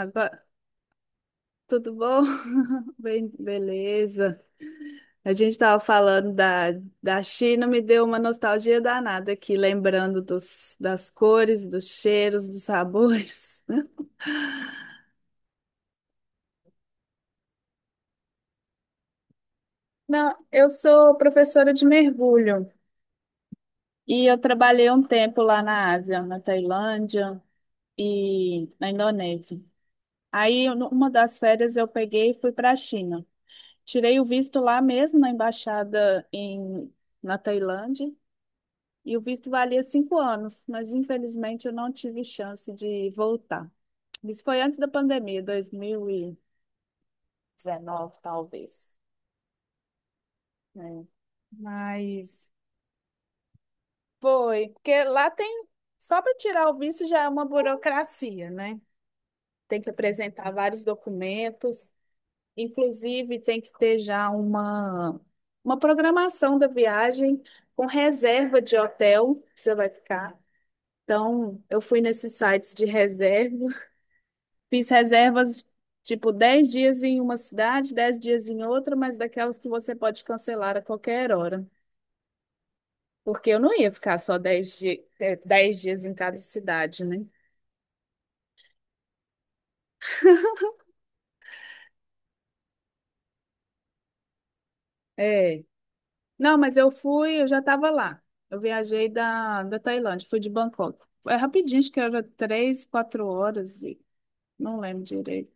Agora, tudo bom? Bem, beleza. A gente estava falando da China. Me deu uma nostalgia danada aqui, lembrando das cores, dos cheiros, dos sabores. Não, eu sou professora de mergulho e eu trabalhei um tempo lá na Ásia, na Tailândia e na Indonésia. Aí, numa das férias, eu peguei e fui para a China. Tirei o visto lá mesmo na embaixada na Tailândia. E o visto valia 5 anos, mas infelizmente eu não tive chance de voltar. Isso foi antes da pandemia, 2019, talvez. Né? Mas foi, porque lá tem, só para tirar o visto já é uma burocracia, né? Tem que apresentar vários documentos, inclusive tem que ter já uma programação da viagem, com reserva de hotel que você vai ficar. Então, eu fui nesses sites de reserva. Fiz reservas, tipo, 10 dias em uma cidade, 10 dias em outra, mas daquelas que você pode cancelar a qualquer hora. Porque eu não ia ficar só 10 dias em cada cidade, né? É. Não, mas eu fui, eu já estava lá. Eu viajei da Tailândia, fui de Bangkok. É rapidinho, acho que era 3, 4 horas, e não lembro direito.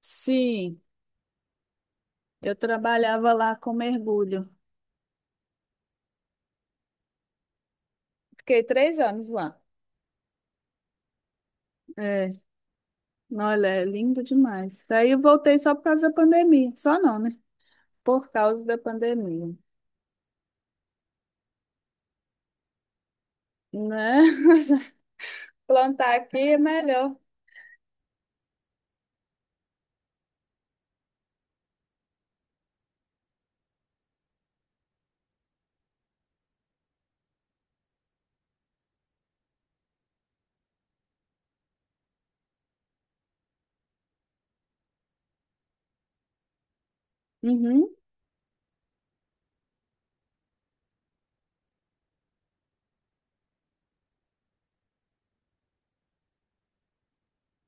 Sim, eu trabalhava lá com mergulho. Fiquei 3 anos lá. É. Olha, é lindo demais. Daí eu voltei só por causa da pandemia. Só não, né? Por causa da pandemia. Né? Plantar aqui é melhor. Uhum.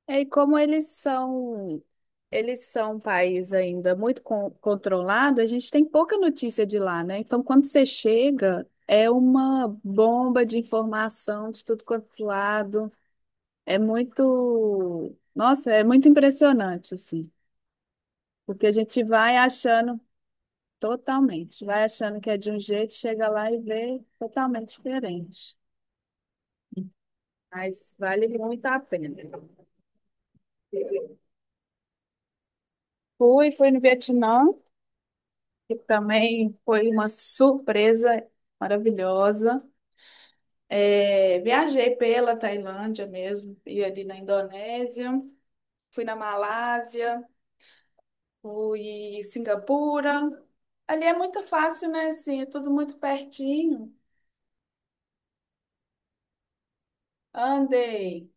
E como eles são um país ainda muito controlado. A gente tem pouca notícia de lá, né? Então, quando você chega, é uma bomba de informação de tudo quanto lado. É muito, nossa, é muito impressionante, assim, porque a gente vai achando. Totalmente. Vai achando que é de um jeito, chega lá e vê totalmente diferente. Mas vale muito a pena. Fui no Vietnã, que também foi uma surpresa maravilhosa. É, viajei pela Tailândia mesmo, e ali na Indonésia, fui na Malásia, fui em Singapura. Ali é muito fácil, né? Assim, é tudo muito pertinho. Andei.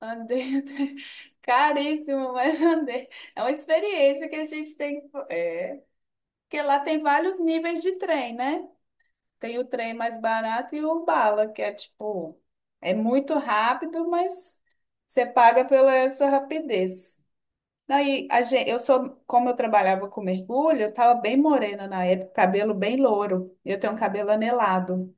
Andei até... Caríssimo, mas andei. É uma experiência que a gente tem. É, porque lá tem vários níveis de trem, né? Tem o trem mais barato e o bala, que é tipo, é muito rápido, mas você paga pela essa rapidez. Aí, a gente, eu sou, como eu trabalhava com mergulho, eu tava bem morena na época, cabelo bem louro. Eu tenho um cabelo anelado.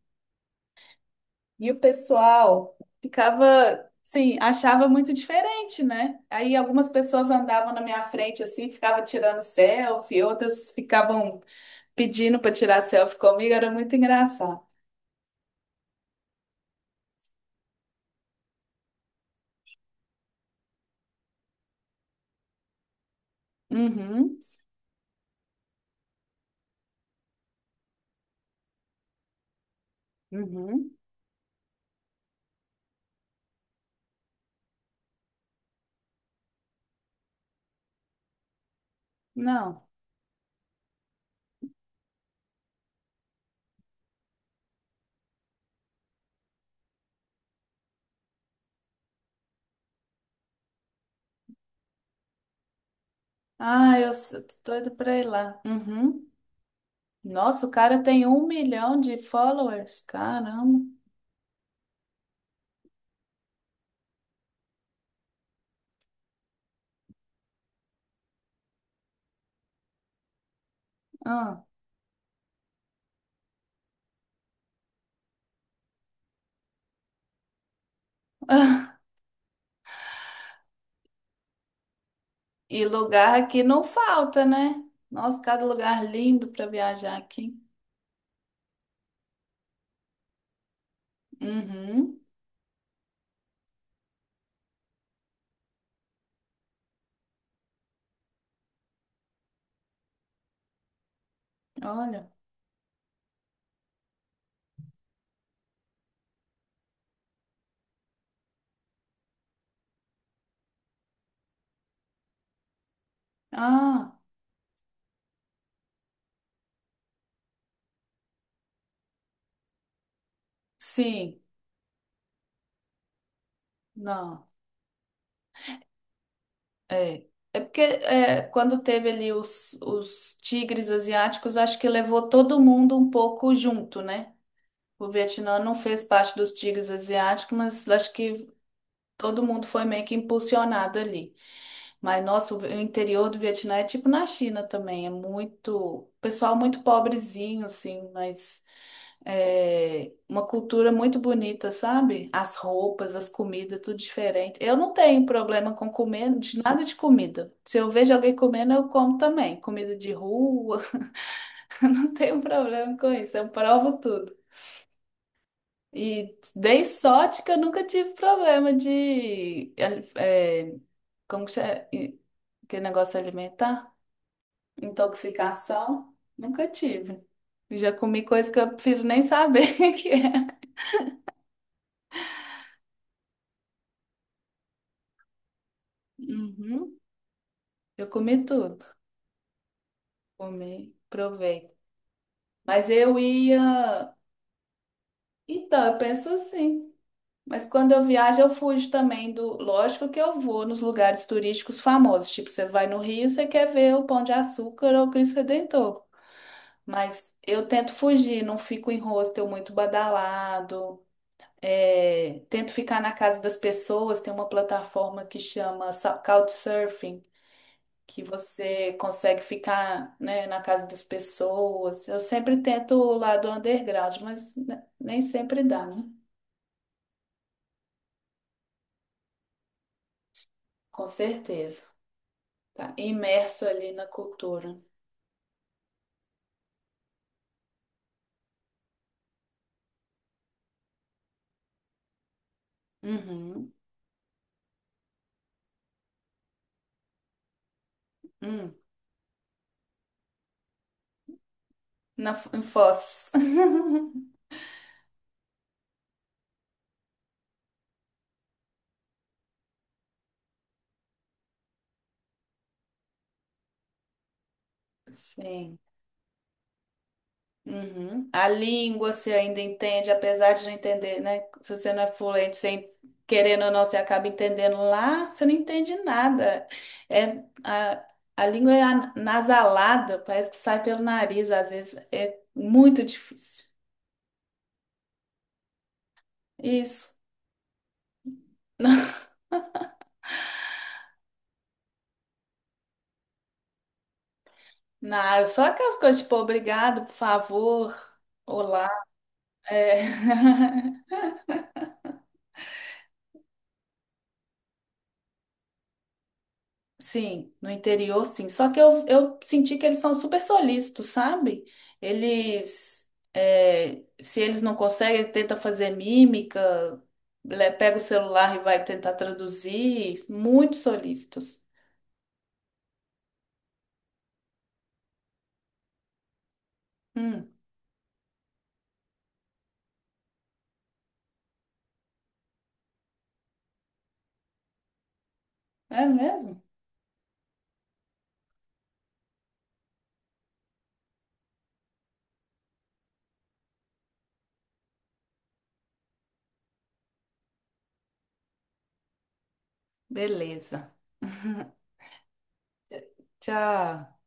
E o pessoal ficava, sim, achava muito diferente, né? Aí algumas pessoas andavam na minha frente assim, ficavam tirando selfie, outras ficavam pedindo para tirar selfie comigo, era muito engraçado. Uhum, uhum. Não. Ah, tô doida pra ir lá. Uhum. Nossa, o cara tem 1 milhão de followers. Caramba. Ah. E lugar aqui não falta, né? Nossa, cada lugar lindo para viajar aqui. Uhum. Olha. Ah, sim. Não, é. É porque é, quando teve ali os tigres asiáticos, acho que levou todo mundo um pouco junto, né? O Vietnã não fez parte dos tigres asiáticos, mas acho que todo mundo foi meio que impulsionado ali. Mas, nossa, o interior do Vietnã é tipo na China também, é muito, pessoal muito pobrezinho, assim, mas é uma cultura muito bonita, sabe? As roupas, as comidas, tudo diferente. Eu não tenho problema com comer de nada de comida. Se eu vejo alguém comendo, eu como também. Comida de rua, eu não tenho problema com isso. Eu provo tudo. E dei sorte que eu nunca tive problema de, é, é, como que chama? Que negócio alimentar? Intoxicação? Nunca tive. Já comi coisa que eu prefiro nem saber o que é. Uhum. Eu comi tudo. Comi, provei. Mas eu ia. Então, eu penso assim. Mas quando eu viajo, eu fujo também do. Lógico que eu vou nos lugares turísticos famosos. Tipo, você vai no Rio, você quer ver o Pão de Açúcar ou o Cristo Redentor. Mas eu tento fugir, não fico em hostel muito badalado. É, tento ficar na casa das pessoas. Tem uma plataforma que chama Couchsurfing, que você consegue ficar, né, na casa das pessoas. Eu sempre tento o lado underground, mas nem sempre dá, né? Com certeza. Tá imerso ali na cultura. Uhum. Hum. Na, em Foz. Sim. Uhum. A língua você ainda entende, apesar de não entender, né? Se você não é fluente, sem querendo ou não, você acaba entendendo. Lá, você não entende nada. É, a, a língua é nasalada, parece que sai pelo nariz, às vezes é muito difícil. Isso. Não, só aquelas coisas tipo obrigado, por favor, olá. É. Sim, no interior, sim. Só que eu senti que eles são super solícitos, sabe? Eles, é, se eles não conseguem, tenta fazer mímica, pega o celular e vai tentar traduzir. Muito solícitos. Hum, é mesmo? Beleza. Tchau.